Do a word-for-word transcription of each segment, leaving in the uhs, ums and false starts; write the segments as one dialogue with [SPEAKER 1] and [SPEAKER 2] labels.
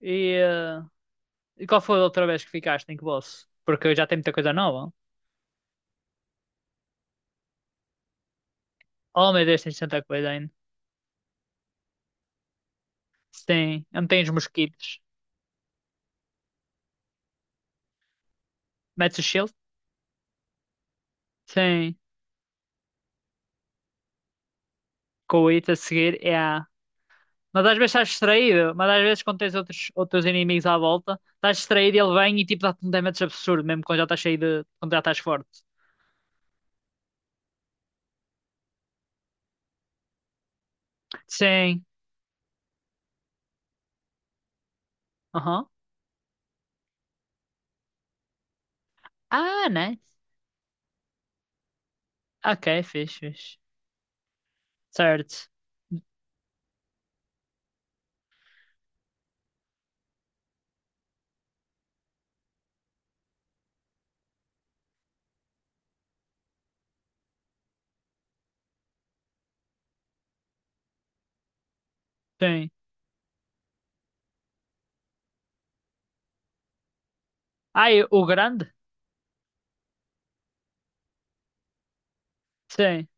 [SPEAKER 1] E, eh, e qual foi a outra vez que ficaste em que bolso? Porque já tem muita coisa nova. Oh meu Deus, tens tanta coisa ainda. Sim, não os mosquitos. Metes o shield? Sim. Com o it a seguir é a. Mas às vezes estás distraído, mas às vezes quando tens outros, outros inimigos à volta, estás distraído e ele vem e tipo dá-te um damage absurdo, mesmo quando já estás cheio de, quando já estás forte. Sim. Aham. Ah, nice. Ok, fixe, fixe. Certo. Sim. Ai, o grande? Sim.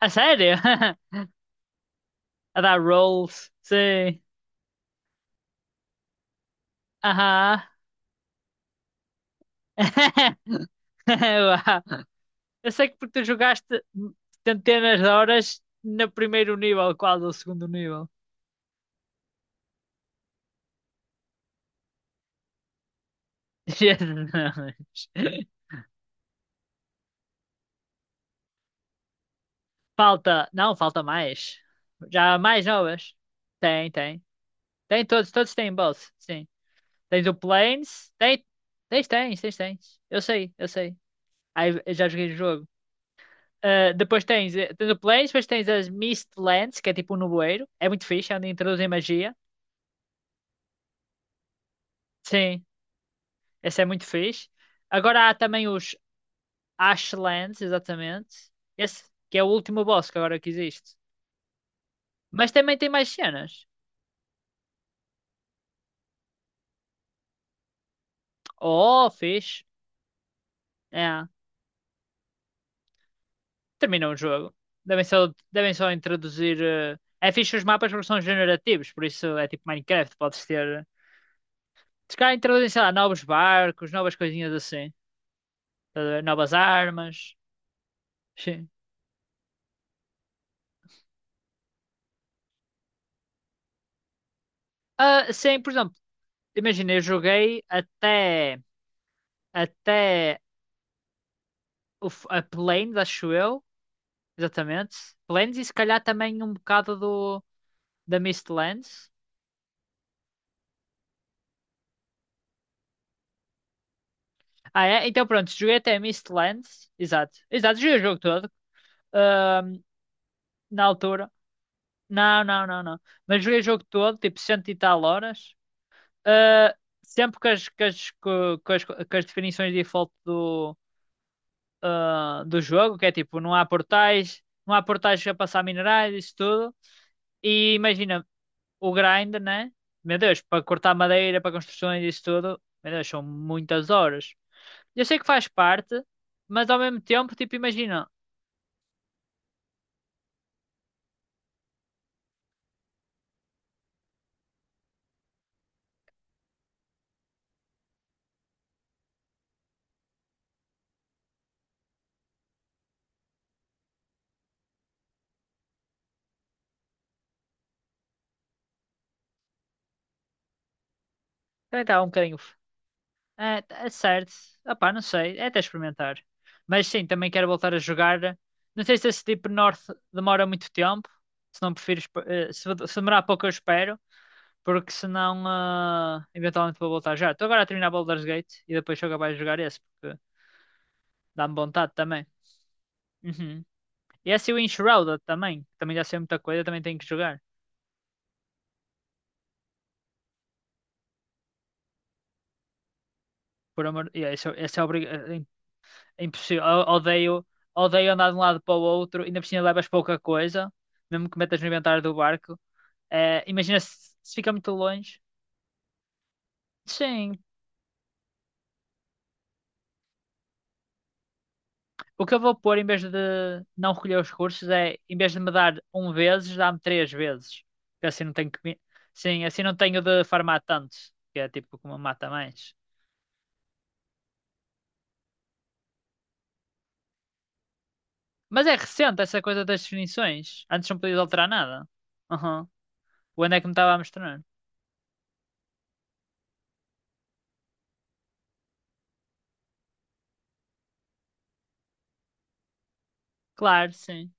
[SPEAKER 1] A sério? A dar rolls? Sim. Aham. Vá. Eu sei que porque tu jogaste centenas de horas no primeiro nível, quase o segundo nível. Jesus. Falta, não, falta mais. Já há mais novas. Tem, tem. Tem todos, todos têm boss, sim. Tens o Planes, tem, tens, tens, tens, tens. Eu sei, eu sei. Aí eu já joguei o jogo. Ah, depois tens, eh, tens o Planes, depois tens as Mistlands, que é tipo um nevoeiro. É muito fixe, é onde introduzem magia. Sim. Esse é muito fixe. Agora há também os Ashlands, exatamente. Esse que é o último boss que agora que existe. Mas também tem mais cenas. Oh, fixe. É. Terminou o jogo. Devem só, devem só introduzir, eh, é fixe os mapas porque são generativos, por isso é tipo Minecraft, podes ter. Se calhar introduzem, sei lá, novos barcos, novas coisinhas assim. Estás a ver? Novas armas. Sim. Ah, sim, por exemplo, imagina, eu joguei até, até o, f- a Plains, acho eu. Exatamente. Lands e se calhar também um bocado do, da Mistlands. Ah, é? Então pronto, joguei até Mistlands. Exato. Exato, joguei o jogo todo. Ahm, na altura. Não, não, não, não. Mas joguei o jogo todo, tipo cento e tal horas. Ah, sempre com as, com as, co- com as, com as definições de default do, ah, do jogo, que é tipo, não há portais, não há portais a passar minerais, isso tudo. E imagina, o grind, né? Meu Deus, para cortar madeira, para construções e isso tudo, meu Deus, são muitas horas. Eu sei que faz parte, mas ao mesmo tempo, tipo, imagina, também está um bocadinho. f- É, é certo, opá, não sei, é até experimentar. Mas sim, também quero voltar a jogar. Não sei se esse tipo North demora muito tempo, se não prefiro, espe- eh, se se demorar pouco eu espero, porque senão, ah, eventualmente vou voltar já. Estou agora a terminar Baldur's Gate e depois sou capaz de jogar esse, porque dá-me vontade também. Uhum. E esse é assim o Enshrouded também, que também já sei muita coisa, também tenho que jogar. Por amor, e é, esse, esse é, obrig... é é impossível. Eu- Odeio, odeio andar de um lado para o outro, ainda por cima levas pouca coisa, mesmo que metas no inventário do barco. Eh, imagina se, se fica muito longe. Sim, o que eu vou pôr em vez de não recolher os recursos é, em vez de me dar um vezes, dá-me três vezes. Porque assim não tenho que, me- sim, assim não tenho de farmar tanto, que é tipo como mata mais. Mas é recente essa coisa das definições. Antes não podia alterar nada. Aham. O André que me estava a mostrar. Claro, sim.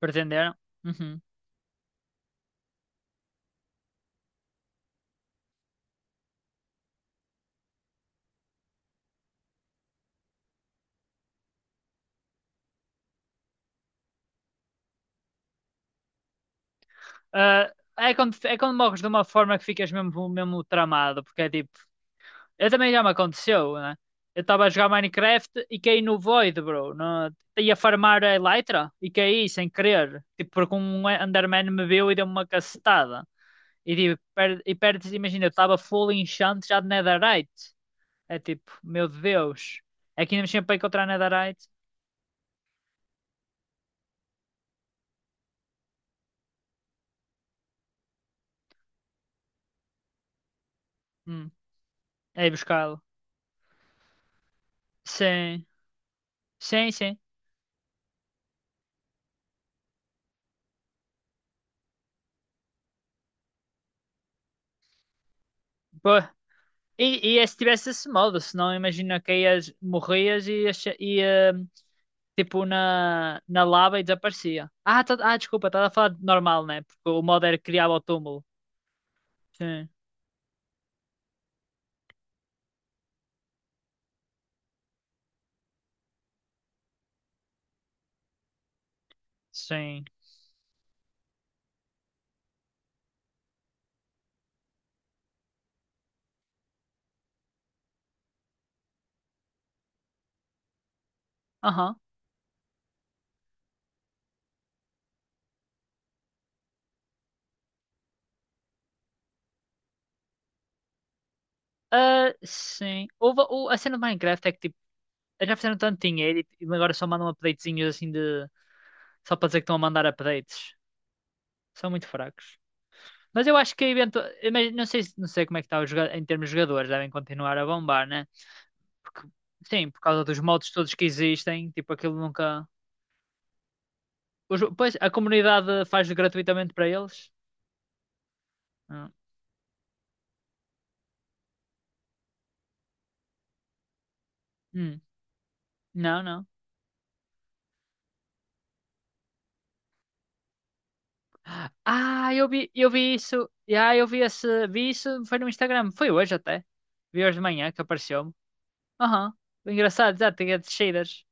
[SPEAKER 1] Pretenderam. Uhum. Ah, é quando, é quando morres de uma forma que ficas mesmo, mesmo tramado. Porque é tipo. Eu também já me aconteceu, né? Eu estava a jogar Minecraft e caí no Void, bro. No, ia farmar a Elytra e caí sem querer. Tipo, porque um Enderman me viu e deu-me uma cacetada. E tipo, per, e perdes, imagina, eu estava full enchant já de Netherite. É tipo, meu Deus. Aqui ainda me sempre para encontrar Netherite. Hum. É ir buscá-lo. Sim. Sim, sim. Pô. E, e é se tivesse esse modo, senão imagina que ias, morrias e ias, ia, tipo na, na lava e desaparecia. Ah, tá- ah desculpa, estava a falar de normal, né? Porque o modo era criar o túmulo. Sim, sim. Aham. Ah, sim. Houve- o- a cena do Minecraft é que tipo, eles já fizeram tanto dinheiro e, e agora só mandam updatezinhos assim de. Só para dizer que estão a mandar updates. São muito fracos. Mas eu acho que eventu... mas não sei, se- não sei como é que está o joga- em termos de jogadores, devem continuar a bombar, né? Porque, sim, por causa dos modos todos que existem, tipo, aquilo nunca. Os... Pois a comunidade faz gratuitamente para eles? Ah, hum, não, não. Ah, eu vi, eu vi isso. Ah, eu vi esse, vi isso, foi no Instagram, foi hoje até. Vi hoje de manhã que apareceu-me. Aham. Engraçado, já tinha descidas.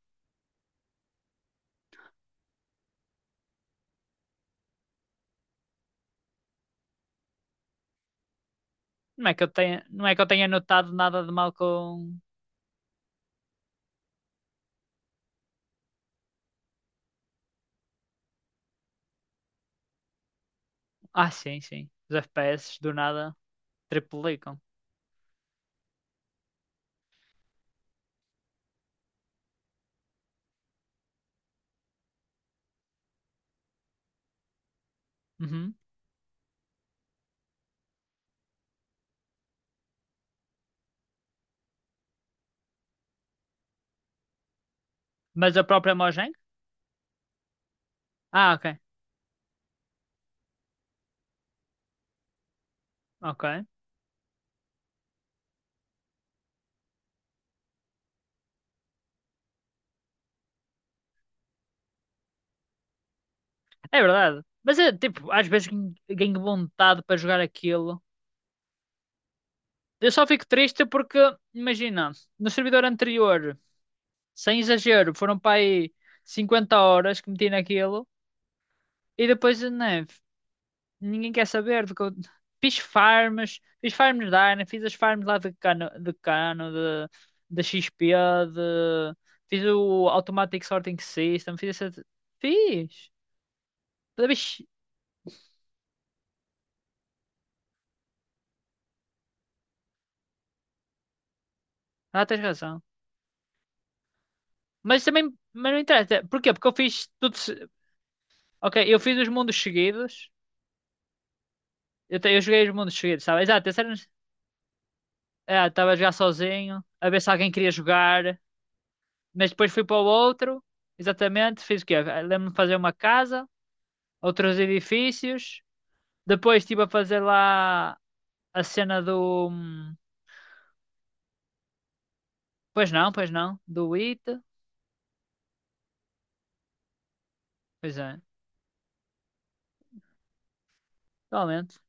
[SPEAKER 1] Não é que eu tenha, não é que eu tenha notado nada de mal com. Ah, sim, sim. Os F P S do nada triplicam. Uhum. Mas a própria Mojang? Ah, ok. Ok. É verdade. Mas é tipo, às vezes ganho ganho vontade para jogar aquilo. Eu só fico triste porque, imagina, no servidor anterior, sem exagero, foram para aí cinquenta horas que meti naquilo e depois, né, ninguém quer saber do que eu... Fiz farms, fiz farms da Ana, fiz as farms lá de cano, de cano, de, de X P, de... Fiz o Automatic Sorting System, fiz essa... Fiz. Ah, tens razão. Mas também, mas não interessa. Porquê? Porque eu fiz tudo. se- Ok, eu fiz os mundos seguidos. Eu, te- eu joguei os mundos seguidos, sabe? Exato, esse era... ah, estava a jogar sozinho, a ver se alguém queria jogar. Mas depois fui para o outro. Exatamente, fiz o quê? Ah, lembro-me de fazer uma casa, outros edifícios. Depois estive a fazer lá a cena do. hum, Pois não, pois não. Do I T. Pois é, realmente.